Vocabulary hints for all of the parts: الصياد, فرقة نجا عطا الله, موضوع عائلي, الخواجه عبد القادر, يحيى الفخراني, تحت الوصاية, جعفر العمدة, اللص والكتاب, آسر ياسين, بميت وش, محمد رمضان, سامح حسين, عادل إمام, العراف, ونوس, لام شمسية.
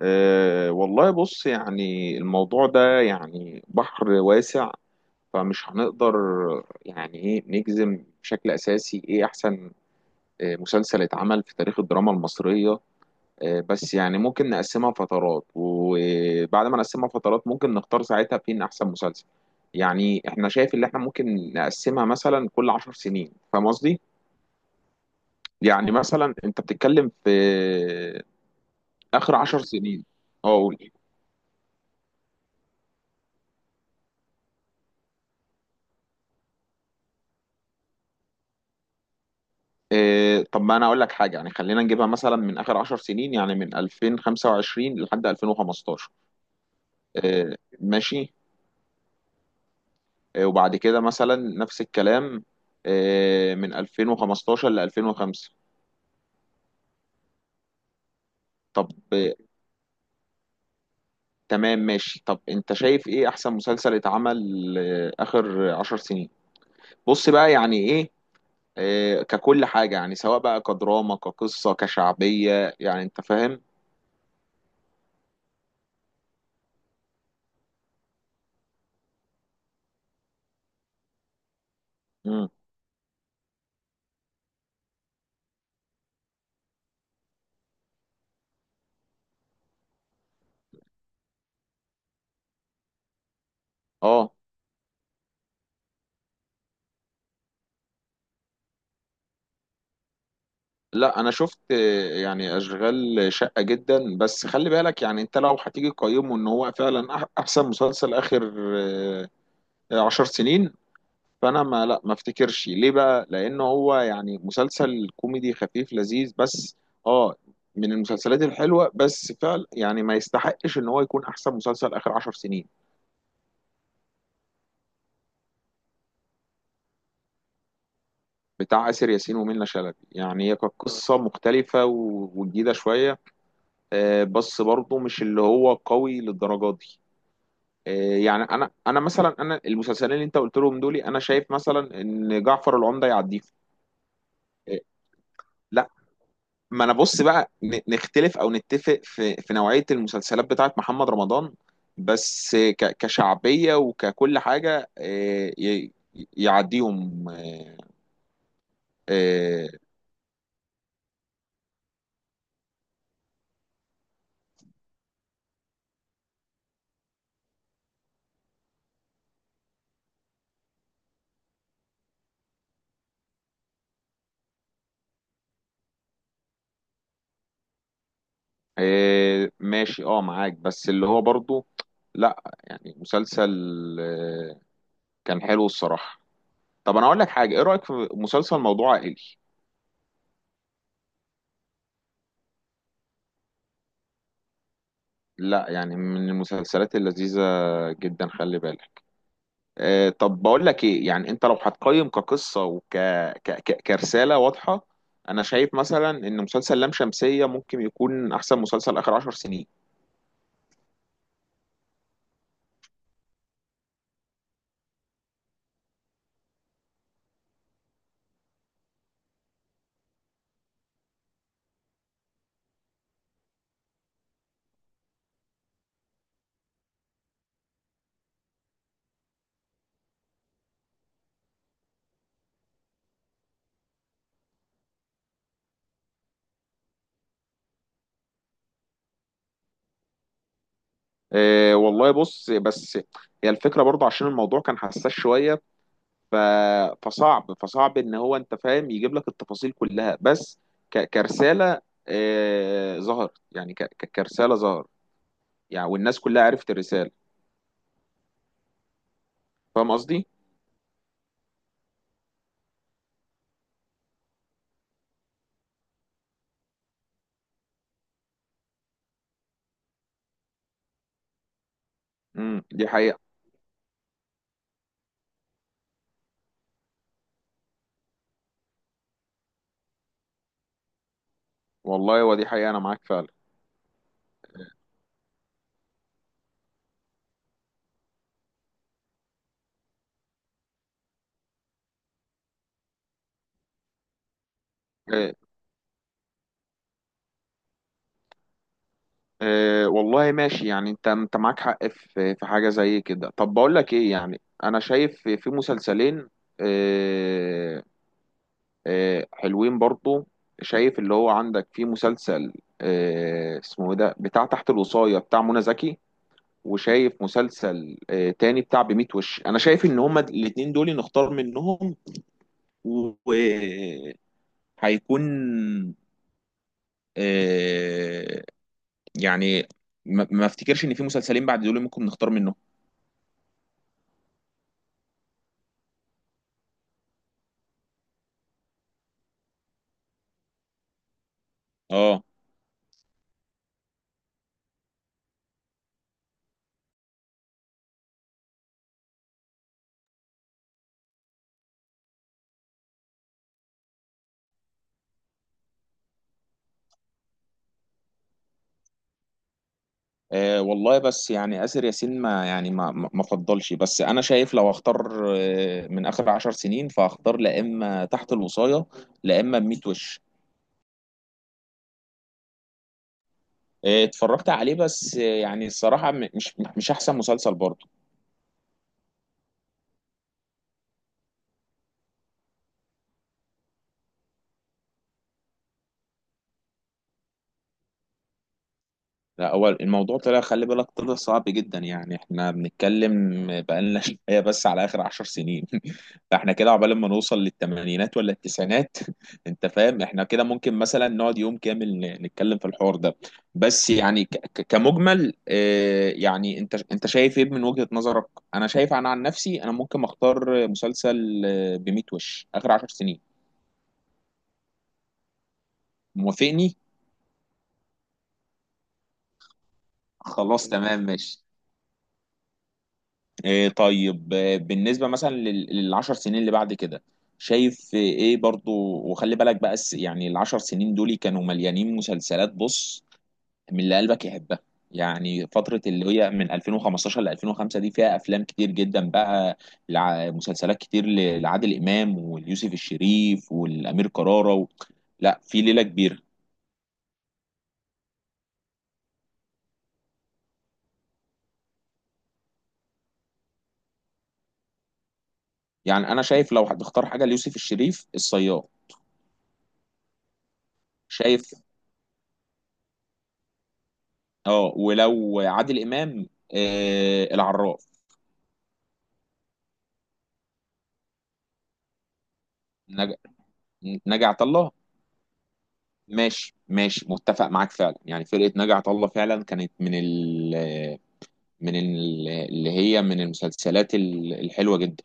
والله بص، يعني الموضوع ده يعني بحر واسع، فمش هنقدر يعني ايه نجزم بشكل اساسي ايه احسن مسلسل اتعمل في تاريخ الدراما المصرية. بس يعني ممكن نقسمها فترات، وبعد ما نقسمها فترات ممكن نختار ساعتها فين احسن مسلسل. يعني احنا شايف اللي احنا ممكن نقسمها مثلا كل عشر سنين، فاهم قصدي؟ يعني مثلا انت بتتكلم في آه، اخر عشر سنين. اه قول. إيه طب ما انا اقول لك حاجه، يعني خلينا نجيبها مثلا من اخر 10 سنين، يعني من 2025 لحد 2015. إيه ماشي. إيه وبعد كده مثلا نفس الكلام، إيه من 2015 ل 2005. طب إيه، تمام ماشي. طب انت شايف ايه احسن مسلسل اتعمل إيه اخر 10 سنين؟ بص بقى، يعني ايه إيه ككل حاجه، يعني سواء بقى كدراما كقصه كشعبيه، يعني انت فاهم. امم. اه لا انا شفت، يعني اشغال شقة جدا، بس خلي بالك يعني انت لو هتيجي تقيمه ان هو فعلا احسن مسلسل اخر عشر سنين، فانا ما افتكرش ليه، بقى لان هو يعني مسلسل كوميدي خفيف لذيذ، بس اه، من المسلسلات الحلوة، بس فعلا يعني ما يستحقش ان هو يكون احسن مسلسل اخر عشر سنين. بتاع آسر ياسين ومنة شلبي، يعني هي كانت قصة مختلفة وجديدة شوية. بس برضه مش اللي هو قوي للدرجة دي، آه، يعني انا مثلا، انا المسلسلين اللي انت قلت لهم دول انا شايف مثلا ان جعفر العمدة يعديه، إيه، لا. ما انا بص بقى، نختلف او نتفق في نوعية المسلسلات بتاعت محمد رمضان، بس كشعبية وككل حاجة إيه، يعديهم إيه، إيه، إيه، ماشي اه معاك، بس اللي هو برضو لا يعني مسلسل، آه، كان حلو الصراحة. طب انا اقول لك حاجة، ايه رأيك في مسلسل موضوع عائلي؟ لا يعني من المسلسلات اللذيذة جدا، خلي بالك. آه طب بقول لك ايه، يعني انت لو هتقيم كقصة وك ك... ك... كرسالة واضحة، انا شايف مثلا ان مسلسل لام شمسية ممكن يكون احسن مسلسل اخر عشر سنين. آه والله بص، بس هي الفكرة برضه عشان الموضوع كان حساس شوية، ف... فصعب ان هو انت فاهم يجيب لك التفاصيل كلها، بس ك... كرسالة آه ظهر، يعني ك... ك- كرسالة ظهر، يعني والناس كلها عرفت الرسالة، فاهم قصدي؟ دي حقيقة. والله ودي حقيقة، أنا معاك فعلا. إيه إيه والله ماشي، يعني أنت معاك حق في في حاجة زي كده. طب بقول لك إيه، يعني أنا شايف في في مسلسلين إيه، إيه حلوين برضو. شايف اللي هو عندك في مسلسل إيه اسمه إيه ده، بتاع تحت الوصاية بتاع منى زكي، وشايف مسلسل إيه تاني بتاع بميت وش. أنا شايف إن هما الاتنين دول نختار منهم، وهيكون آه، يعني ما افتكرش ان في مسلسلين بعد دول ممكن نختار منهم. اه. والله بس يعني آسر ياسين ما يعني ما ما ما فضلش، بس انا شايف لو اختار من اخر عشر سنين، فاختار لا اما تحت الوصاية، لا اما بميت وش. اتفرجت عليه، بس يعني الصراحة مش احسن مسلسل برضه. لا هو الموضوع طلع، خلي بالك، طلع صعب جدا، يعني احنا بنتكلم بقالنا شويه بس على اخر عشر سنين. فاحنا كده عقبال ما نوصل للثمانينات ولا التسعينات. انت فاهم احنا كده ممكن مثلا نقعد يوم كامل نتكلم في الحوار ده، بس يعني ك- ك- كمجمل يعني انت شايف ايه من وجهة نظرك؟ انا شايف عن نفسي، انا ممكن اختار مسلسل بميت وش اخر عشر سنين. موافقني. خلاص تمام ماشي. إيه طيب، بالنسبة مثلا للعشر سنين اللي بعد كده، شايف ايه برضو؟ وخلي بالك بقى، يعني العشر سنين دول كانوا مليانين مسلسلات، بص من اللي قلبك يحبها، يعني فترة اللي هي من 2015 ل 2005 دي فيها أفلام كتير جدا بقى، مسلسلات كتير لعادل إمام واليوسف الشريف والأمير كرارة و... لا في ليلة كبيرة. يعني أنا شايف لو هتختار حاجة ليوسف الشريف، الصياد. شايف اه، ولو عادل إمام، آه العراف. نج... نجا عطا الله. ماشي ماشي، متفق معاك فعلا، يعني فرقة نجا عطا الله فعلا كانت من ال اللي هي من المسلسلات الحلوة جدا.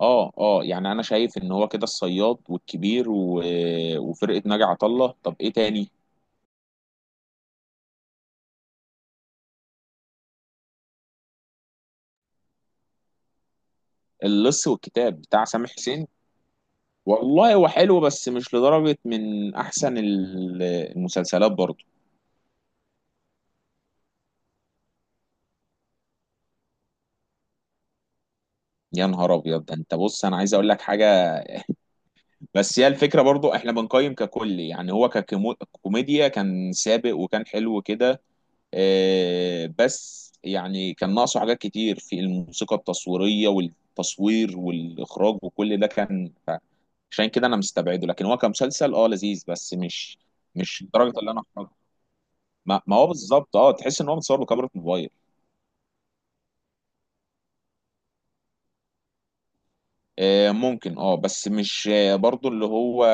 اه اه، يعني انا شايف ان هو كده الصياد والكبير و... وفرقة نجا عطا الله. طب ايه تاني؟ اللص والكتاب بتاع سامح حسين. والله هو حلو، بس مش لدرجة من احسن المسلسلات برضه. يا نهار ابيض، ده انت بص انا عايز اقول لك حاجة. بس هي الفكرة برضو، احنا بنقيم ككل، يعني هو ككوميديا كان سابق وكان حلو كده، بس يعني كان ناقصه حاجات كتير في الموسيقى التصويرية والتصوير والإخراج وكل ده كان عشان كده انا مستبعده، لكن هو كمسلسل اه لذيذ، بس مش مش درجة اللي انا احرجه. ما هو بالظبط، اه تحس ان هو متصور بكاميرا موبايل. ممكن اه، بس مش برضو اللي هو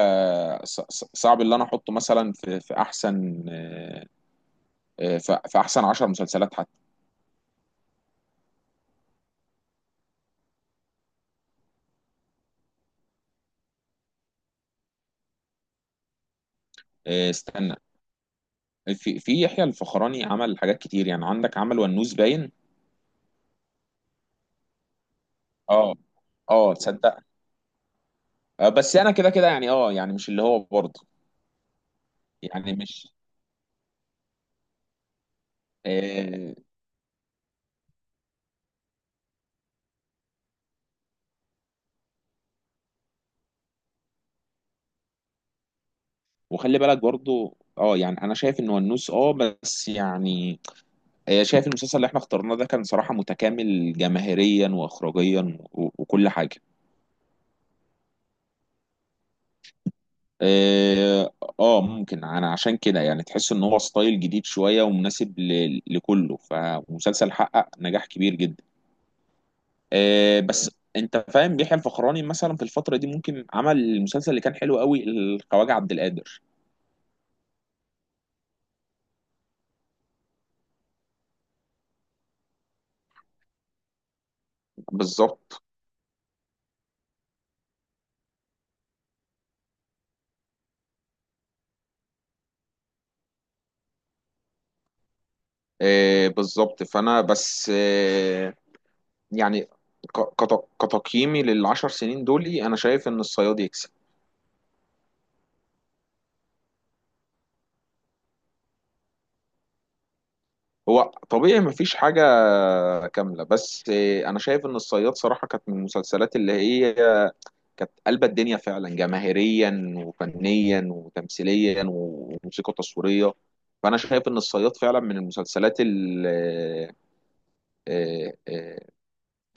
صعب اللي انا احطه مثلا في احسن في احسن 10 مسلسلات حتى. استنى، في يحيى الفخراني عمل حاجات كتير، يعني عندك عمل ونوس باين. اه اه تصدق، بس انا كده كده، يعني اه يعني مش اللي هو برضه، يعني مش آه. وخلي بالك برضه اه، يعني انا شايف ان ونوس اه، بس يعني شايف المسلسل اللي احنا اخترناه ده كان صراحة متكامل جماهيريا واخراجيا وكل حاجة. اه ممكن، انا عشان كده يعني تحس ان هو ستايل جديد شويه ومناسب لكله، فمسلسل حقق نجاح كبير جدا، بس انت فاهم بيحيى الفخراني مثلا في الفتره دي ممكن عمل المسلسل اللي كان حلو قوي، الخواجه عبد القادر. بالظبط. بالظبط، فانا بس يعني ك- كت- كتقييمي للعشر سنين دول، انا شايف ان الصياد يكسب. هو طبيعي مفيش حاجة كاملة، بس أنا شايف إن الصياد صراحة كانت من المسلسلات اللي هي كانت قلبة الدنيا فعلا، جماهيريا وفنيا وتمثيليا وموسيقى تصويرية. فأنا شايف إن الصياد فعلا من المسلسلات ال-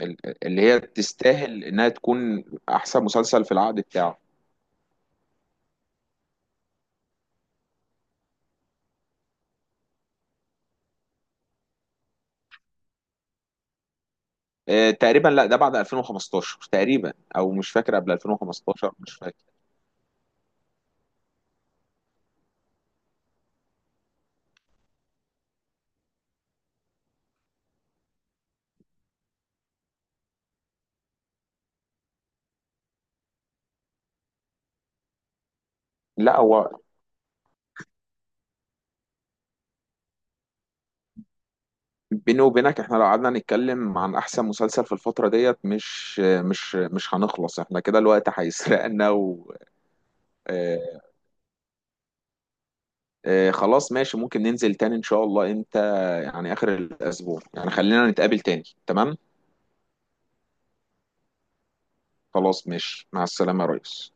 اللي هي تستاهل إنها تكون أحسن مسلسل في العقد بتاعه. تقريبا، لا ده بعد 2015 تقريبا، أو مش فاكر قبل 2015، مش فاكر. لا هو بيني وبينك، احنا لو قعدنا نتكلم عن احسن مسلسل في الفترة ديت مش هنخلص، احنا كده الوقت هيسرقنا و... اه اه خلاص ماشي، ممكن ننزل تاني ان شاء الله انت، يعني اخر الاسبوع، يعني خلينا نتقابل تاني، تمام. خلاص ماشي، مع السلامة يا ريس.